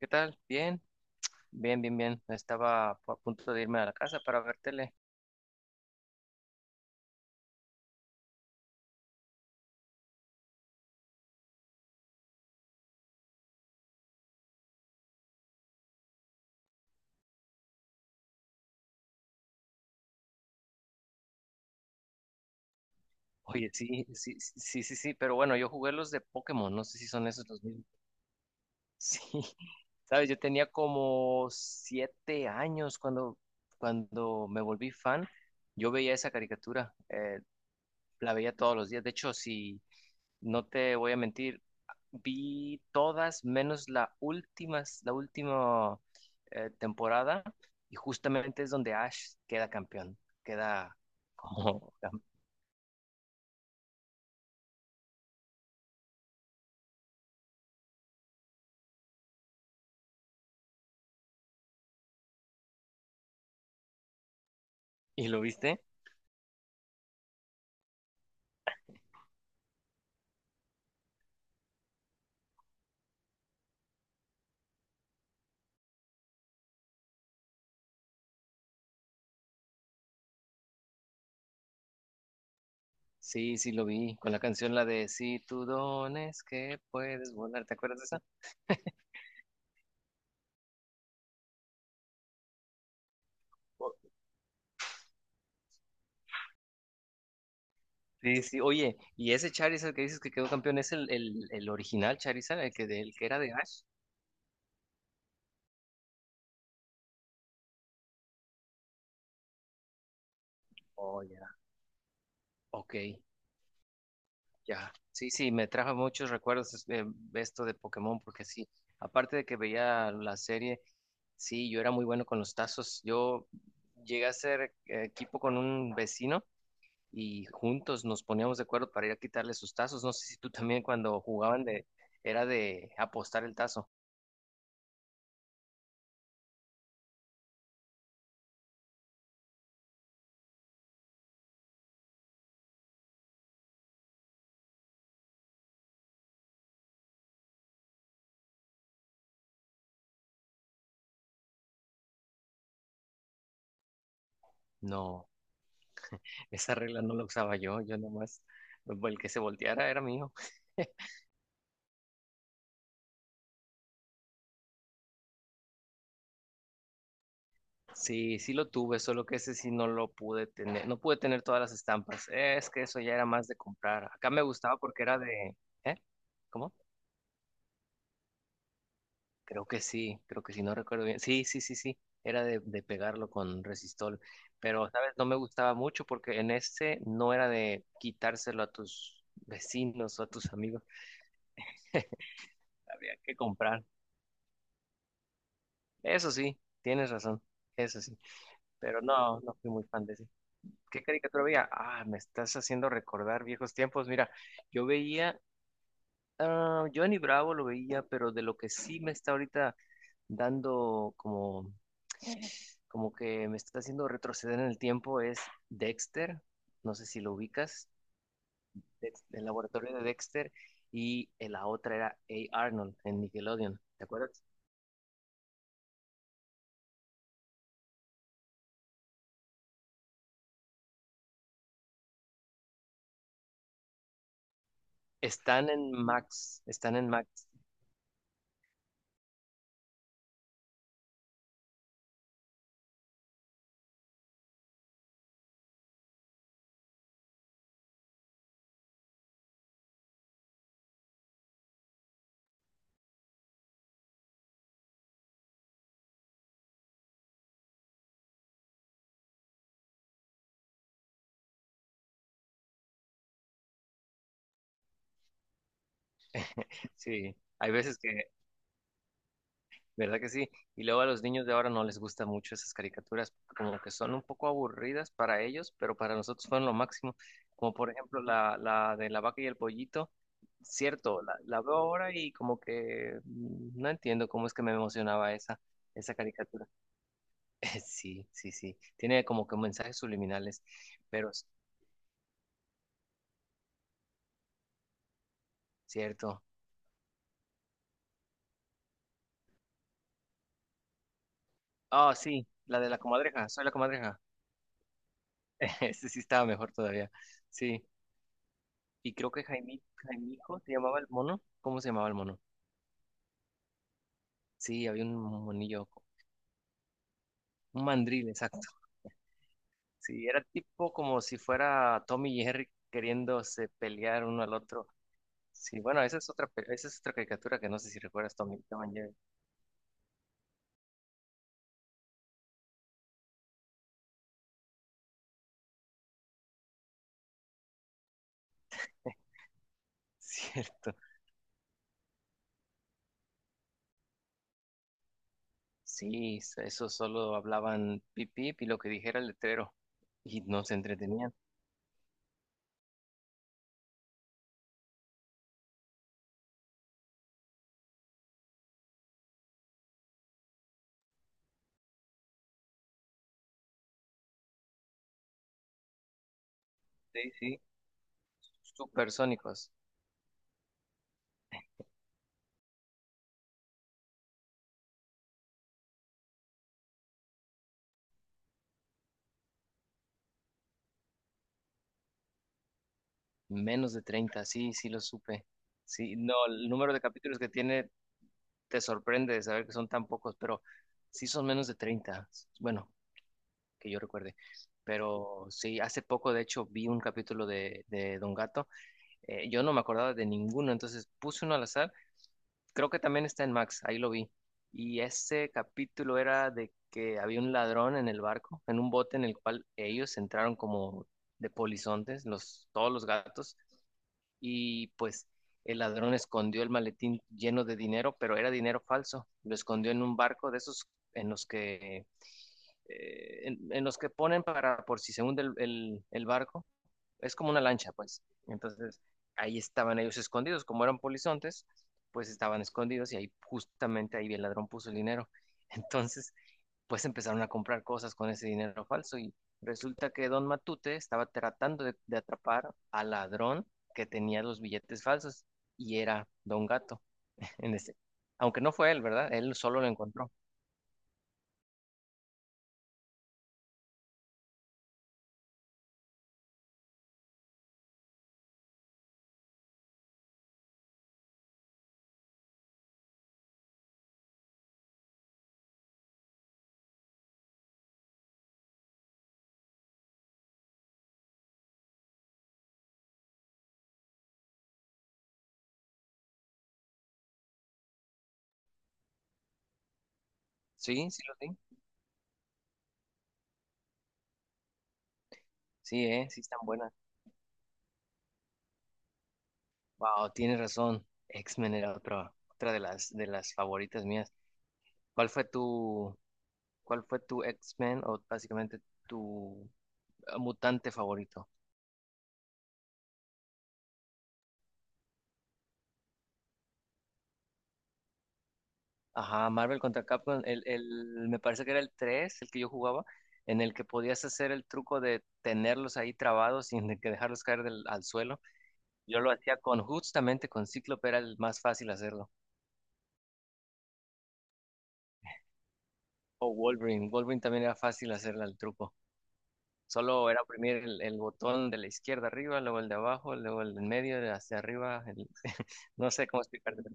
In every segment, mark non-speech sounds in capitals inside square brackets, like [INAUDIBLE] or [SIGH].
¿Qué tal? Bien, bien, bien, bien. Estaba a punto de irme a la casa para ver tele. Oye, sí, sí, sí, sí, sí, sí, pero bueno, yo jugué los de Pokémon, no sé si son esos los mismos. [LAUGHS] Sí, sabes, yo tenía como 7 años cuando me volví fan. Yo veía esa caricatura. La veía todos los días. De hecho, si no te voy a mentir, vi todas menos la última, temporada, y justamente es donde Ash queda campeón, queda [LAUGHS] como cam- ¿Y lo viste? Sí, sí lo vi, con la canción la de Si tú dones que puedes volar, ¿te acuerdas de esa? O- Sí, sí, oye, y ese Charizard que dices que quedó campeón es el original Charizard, el que era de Ash. Oh, ya. Ok, ya, sí, sí, me trajo muchos recuerdos esto de Pokémon, porque sí, aparte de que veía la serie, sí, yo era muy bueno con los tazos. Yo llegué a ser equipo con un vecino y juntos nos poníamos de acuerdo para ir a quitarle sus tazos. No sé si tú también cuando jugaban de, era de apostar el tazo. No, esa regla no la usaba yo, nomás, el que se volteara era mío. Sí, sí lo tuve, solo que ese sí no lo pude tener, no pude tener todas las estampas. Es que eso ya era más de comprar. Acá me gustaba porque era de, ¿eh? ¿Cómo? Creo que sí, no recuerdo bien. Sí, sí, sí, sí, era de pegarlo con resistol, pero, ¿sabes? No me gustaba mucho porque en este no era de quitárselo a tus vecinos o a tus amigos. Había que comprar. Eso sí, tienes razón, eso sí, pero no, no fui muy fan de ese. ¿Qué caricatura veía? Ah, me estás haciendo recordar viejos tiempos. Mira, yo veía, ah, Johnny Bravo lo veía, pero de lo que sí me está ahorita dando como que me está haciendo retroceder en el tiempo es Dexter. No sé si lo ubicas, el laboratorio de Dexter. Y la otra era A. Arnold en Nickelodeon. ¿Te acuerdas? Están en Max, están en Max. Sí, hay veces que. ¿Verdad que sí? Y luego a los niños de ahora no les gustan mucho esas caricaturas, como que son un poco aburridas para ellos, pero para nosotros fueron lo máximo. Como por ejemplo la de la vaca y el pollito. Cierto, la veo ahora y como que no entiendo cómo es que me emocionaba esa caricatura. [LAUGHS] Sí, sí, sí. Tiene como que mensajes subliminales, pero es cierto. Ah, sí, la de la comadreja, soy la comadreja. [LAUGHS] Ese sí estaba mejor todavía. Sí. Y creo que Jaimijo se llamaba el mono. ¿Cómo se llamaba el mono? Sí, había un monillo, un mandril, exacto. Sí, era tipo como si fuera Tommy y Jerry queriéndose pelear uno al otro. Sí, bueno, esa es otra, caricatura que no sé si recuerdas, Tom and Jerry. [LAUGHS] Cierto. Sí, eso solo hablaban pip pip y lo que dijera el letrero. Y no se entretenían. Sí, sí. Supersónicos. Menos de 30, sí, sí lo supe. Sí, no, el número de capítulos que tiene te sorprende de saber que son tan pocos, pero sí son menos de 30, bueno, que yo recuerde. Pero sí, hace poco de hecho vi un capítulo de Don Gato. Yo no me acordaba de ninguno, entonces puse uno al azar. Creo que también está en Max, ahí lo vi. Y ese capítulo era de que había un ladrón en el barco, en un bote en el cual ellos entraron como de polizontes, todos los gatos, y pues el ladrón escondió el maletín lleno de dinero, pero era dinero falso. Lo escondió en un barco de esos en los que en los que ponen para por si se hunde el barco. Es como una lancha, pues. Entonces, ahí estaban ellos escondidos, como eran polizontes, pues estaban escondidos y ahí justamente ahí el ladrón puso el dinero. [LAUGHS] Entonces, pues empezaron a comprar cosas con ese dinero falso y resulta que Don Matute estaba tratando de atrapar al ladrón que tenía los billetes falsos y era Don Gato [LAUGHS] en ese. Aunque no fue él, ¿verdad? Él solo lo encontró. Sí, sí lo vi. Sí, sí están buenas. Wow, tienes razón. X-Men era otra de las favoritas mías. ¿Cuál fue tu, Cuál fue tu X-Men o básicamente tu mutante favorito? Ajá, Marvel contra Capcom, me parece que era el 3 el que yo jugaba, en el que podías hacer el truco de tenerlos ahí trabados [LAUGHS] sin de que dejarlos caer al suelo. Yo lo hacía con justamente con Cíclope, era el más fácil hacerlo. O Wolverine también era fácil hacerle al truco. Solo era oprimir el botón de la izquierda arriba, luego el de abajo, luego el del medio, de hacia arriba. [LAUGHS] No sé cómo explicarte.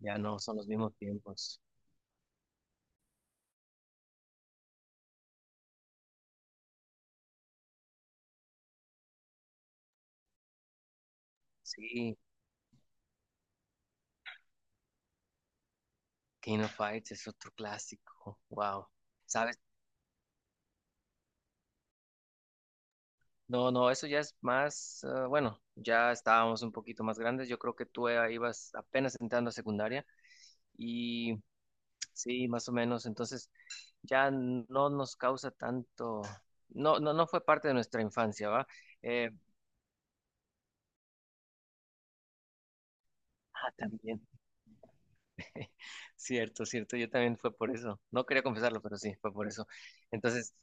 Ya no son los mismos tiempos. Sí, King of Fights es otro clásico. Wow. No, no, eso ya es más, bueno, ya estábamos un poquito más grandes. Yo creo que tú ibas apenas entrando a secundaria y sí, más o menos. Entonces ya no nos causa tanto, no, no, no fue parte de nuestra infancia, ¿va? Eh, ah, también. [LAUGHS] Cierto, cierto. Yo también fue por eso. No quería confesarlo, pero sí, fue por eso. Entonces,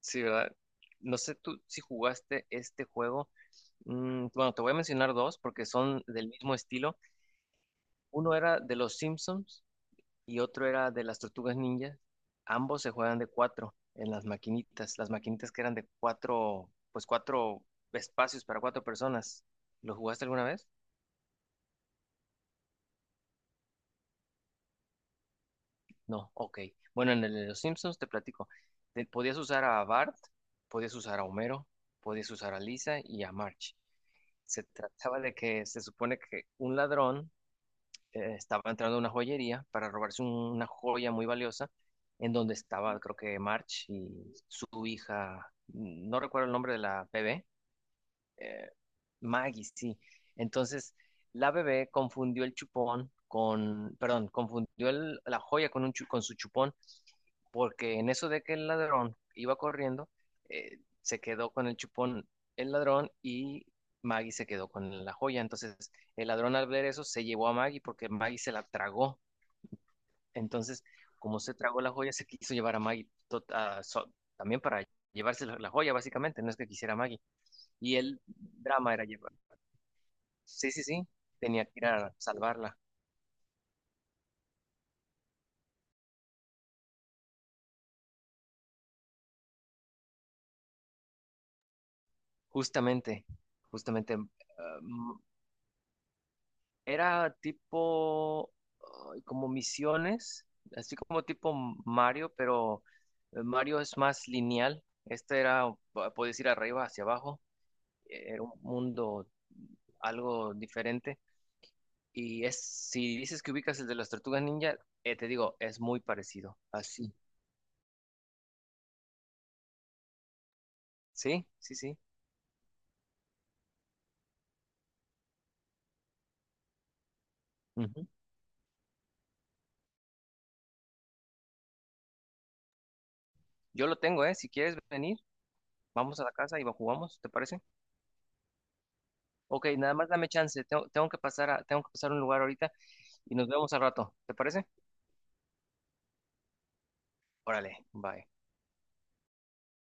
sí, ¿verdad? No sé tú si jugaste este juego. Bueno, te voy a mencionar dos porque son del mismo estilo. Uno era de los Simpsons y otro era de las Tortugas Ninjas. Ambos se juegan de cuatro en las maquinitas. Las maquinitas que eran de cuatro, pues cuatro espacios para cuatro personas. ¿Lo jugaste alguna vez? No, ok. Bueno, en el de los Simpsons te platico. Podías usar a Bart, podías usar a Homero, podías usar a Lisa y a March. Se trataba de que se supone que un ladrón estaba entrando a una joyería para robarse una joya muy valiosa, en donde estaba, creo que March y su hija, no recuerdo el nombre de la bebé, eh, Maggie, sí. Entonces, la bebé confundió el chupón con, perdón, confundió la joya con su chupón, porque en eso de que el ladrón iba corriendo, se quedó con el chupón el ladrón y Maggie se quedó con la joya. Entonces, el ladrón al ver eso se llevó a Maggie porque Maggie se la tragó. Entonces, como se tragó la joya, se quiso llevar a Maggie también para llevarse la joya, básicamente, no es que quisiera a Maggie. Y el drama era llevar. Sí, sí, sí, tenía que ir a salvarla. Justamente, justamente, era tipo ay, como misiones, así como tipo Mario, pero Mario es más lineal. Este era, puedes ir arriba, hacia abajo, era un mundo algo diferente. Y es, si dices que ubicas el de las tortugas ninja, te digo, es muy parecido. Así. Sí, sí, sí. Ujú. Yo lo tengo, ¿eh? Si quieres venir. Vamos a la casa y jugamos, ¿te parece? Ok, nada más dame chance. Tengo que pasar a un lugar ahorita y nos vemos al rato. ¿Te parece? Órale, bye.